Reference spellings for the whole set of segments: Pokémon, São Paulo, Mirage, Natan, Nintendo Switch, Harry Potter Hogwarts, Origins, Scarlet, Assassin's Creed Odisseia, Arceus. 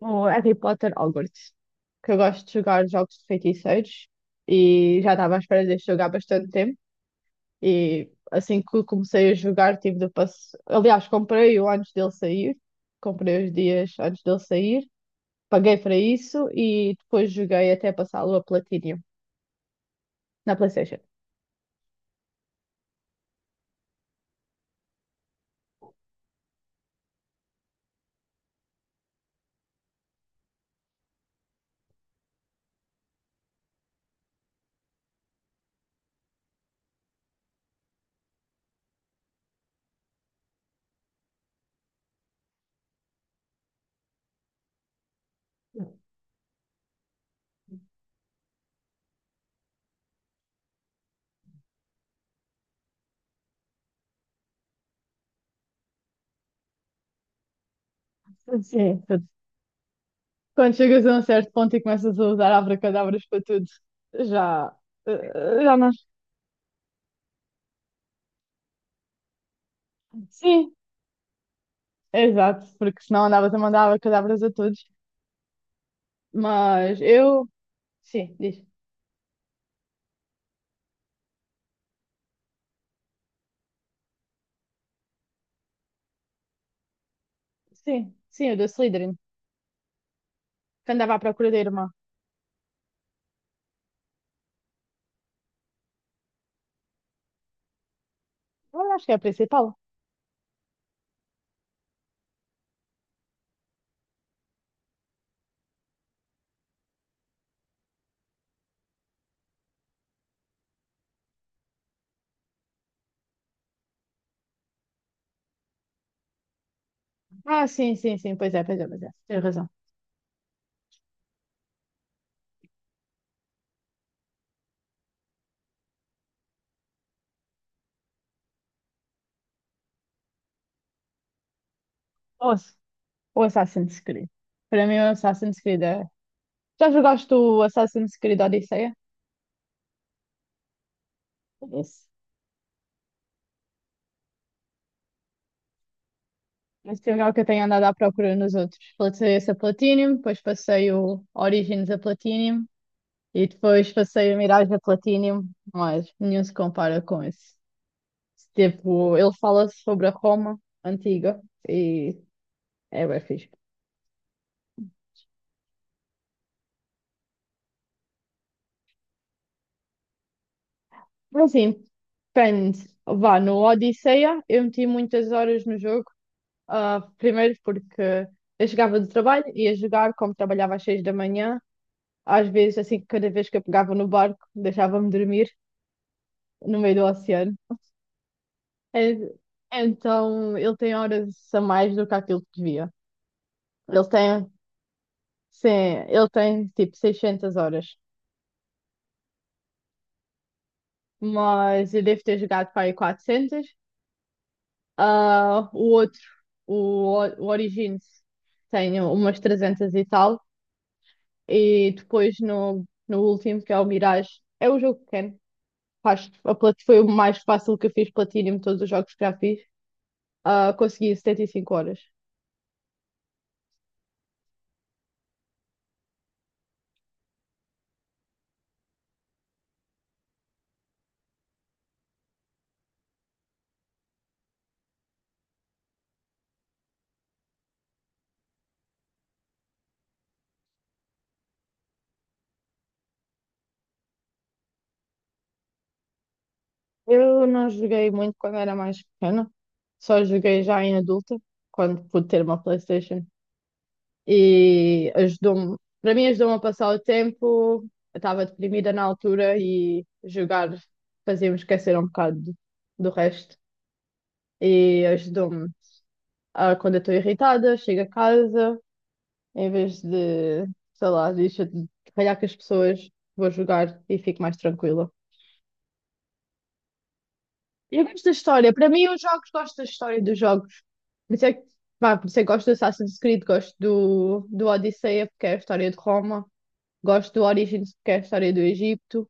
O Harry Potter Hogwarts, que eu gosto de jogar jogos de feiticeiros e já estava à espera de jogar bastante tempo. E assim que comecei a jogar, tive de passar. Aliás, comprei-o antes dele sair, comprei os dias antes dele sair, paguei para isso e depois joguei até passá-lo a Platinum na PlayStation. Sim. Quando chegas a um certo ponto e começas a usar abracadabras para tudo, já, já não. Sim, exato, porque senão andavas a mandar abracadabras a todos. Mas eu. Sim, diz. Sim, sim, o do Slytherin, que andava à procura da irmã. Eu acho que é a principal. Ah, sim, sim, sim, pois é, pois é, pois é. Tens razão. Ou, ou Assassin's Creed. Para mim, o Assassin's Creed é. Já jogaste o Assassin's Creed Odisseia? Esse. Esse é o jogo que eu tenho andado à procura nos outros. Passei esse a Platinum, depois passei o Origins a Platinum e depois passei o Mirage a Platinum, mas nenhum se compara com esse. Tipo, ele fala sobre a Roma antiga e é bem fixe. Assim, depende. Vá, no Odisseia eu meti muitas horas no jogo. Ah, primeiro porque eu chegava do trabalho, ia jogar, como trabalhava às seis da manhã. Às vezes, assim, cada vez que eu pegava no barco, deixava-me dormir no meio do oceano. En- Então, ele tem horas a mais do que aquilo que devia. Ele tem, sim, ele tem tipo 600 horas, mas eu devo ter jogado para aí 400. Ah, o outro, o Origins, tem umas 300 e tal. E depois no último, que é o Mirage, é o jogo pequeno. Foi o mais fácil que eu fiz Platinum de todos os jogos que já fiz. Ah, consegui 75 horas. Eu não joguei muito quando era mais pequena, só joguei já em adulta, quando pude ter uma PlayStation. E ajudou-me, para mim ajudou-me a passar o tempo. Eu estava deprimida na altura e jogar fazia-me esquecer um bocado do resto. E ajudou-me a, quando eu estou irritada, chego a casa, em vez de, sei lá, deixa de ralhar com as pessoas, vou jogar e fico mais tranquila. E eu gosto da história, para mim os jogos, gosto da história dos jogos. Por isso é que, pá, por isso é que gosto do Assassin's Creed, gosto do Odisseia, porque é a história de Roma. Gosto do Origins porque é a história do Egito.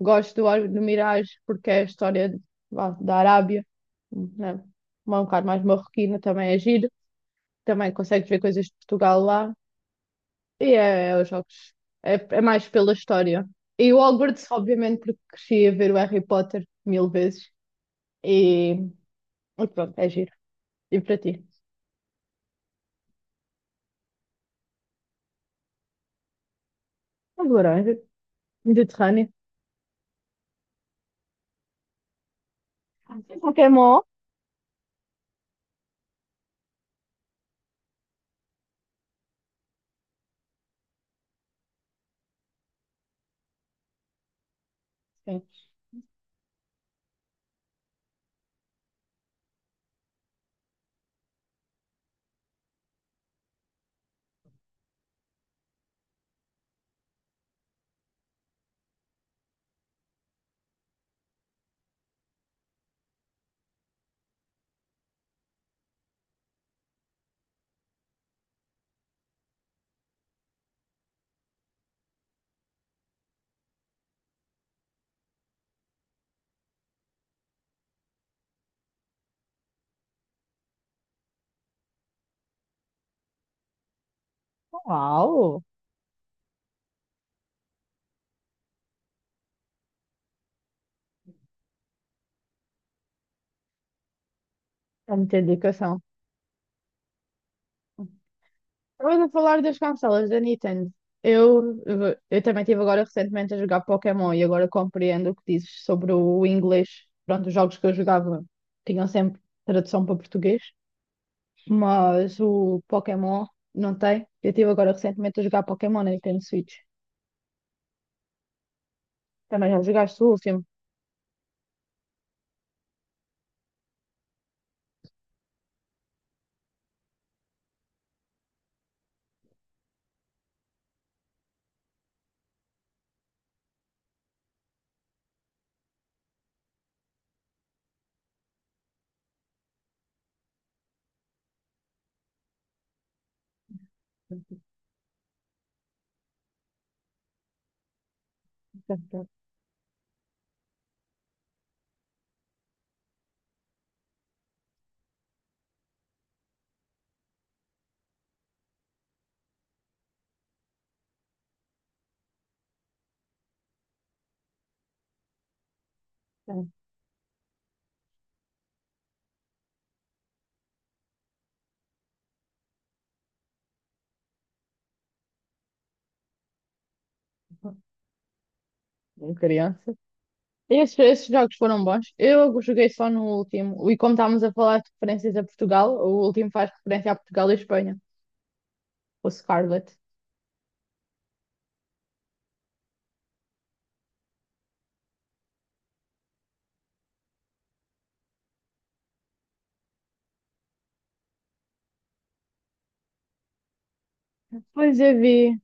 Gosto do, do Mirage porque é a história de- vá, da Arábia, né? Uma um bocado mais marroquina, também é giro. Também consegues ver coisas de Portugal lá. E é, é os jogos. É, é mais pela história. E o Hogwarts, obviamente, porque cresci a ver o Harry Potter mil vezes. E, e pronto, é giro. E para ti? A de laranja, Mediterrâneo. Pokémon. Sim. Uau! É muita dedicação. Estava a falar das consolas da Nintendo. Eu também estive agora recentemente a jogar Pokémon e agora compreendo o que dizes sobre o inglês. Pronto, os jogos que eu jogava tinham sempre tradução para português, mas o Pokémon não tem. Eu estive agora recentemente a jogar Pokémon na Nintendo Switch. Também já jogaste o último? Em criança. Esses, esses jogos foram bons. Eu joguei só no último. E como estávamos a falar de referências a Portugal, o último faz referência a Portugal e Espanha, o Scarlet. Pois eu vi.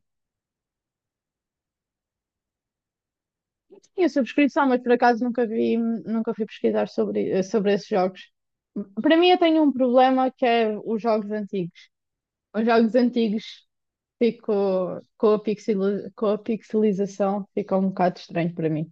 Eu tinha subscrição, mas por acaso nunca vi, nunca fui pesquisar sobre, sobre esses jogos. Para mim, eu tenho um problema que é os jogos antigos. Os jogos antigos fico com a pixel, com a pixelização, fica um bocado estranho para mim.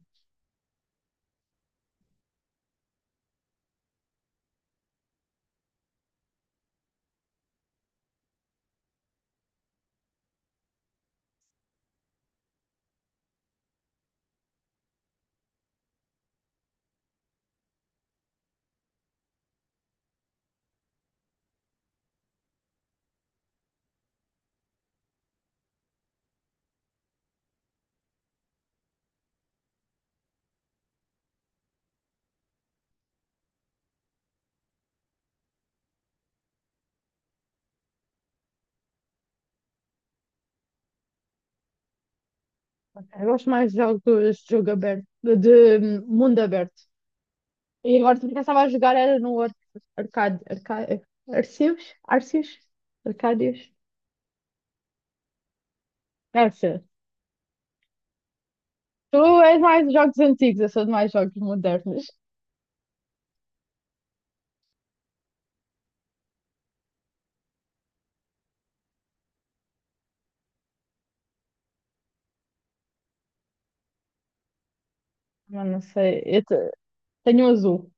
Eu gosto mais de jogos de jogo aberto, de mundo aberto. E agora também que eu estava a jogar era no Ar- Arcade, Arcade, Arceus? Arceus? Arcádios? Essa. Tu és mais de jogos antigos, eu sou de mais jogos modernos. Mas não sei, tenho um azul.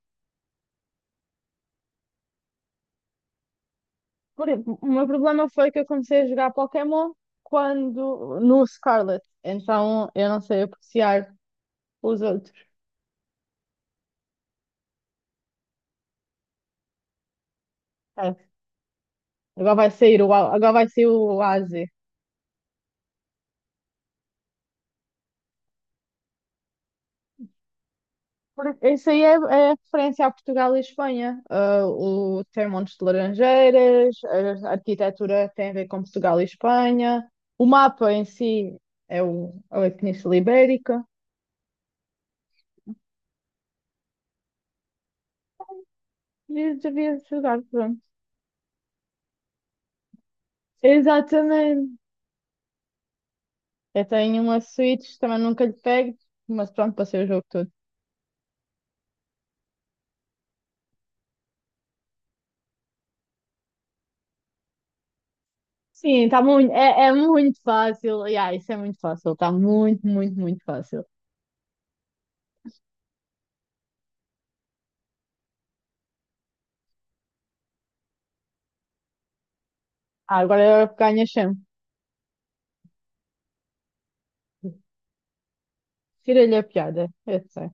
Por- O meu problema foi que eu comecei a jogar Pokémon quando no Scarlet, então eu não sei apreciar os outros. É. Agora vai sair o AZ. Isso aí é, é referência a Portugal e Espanha. Ah, o tem montes de laranjeiras, a arquitetura tem a ver com Portugal e Espanha. O mapa em si é o, é a Península Ibérica. Devias jogar, pronto. Exatamente. Eu tenho uma Switch, também nunca lhe pego, mas pronto, passei o jogo todo. Sim, tá muito, é, é muito fácil. Yeah, isso é muito fácil, está muito, muito, muito fácil. Ah, agora ganha chão. Tira-lhe a piada, eu sei.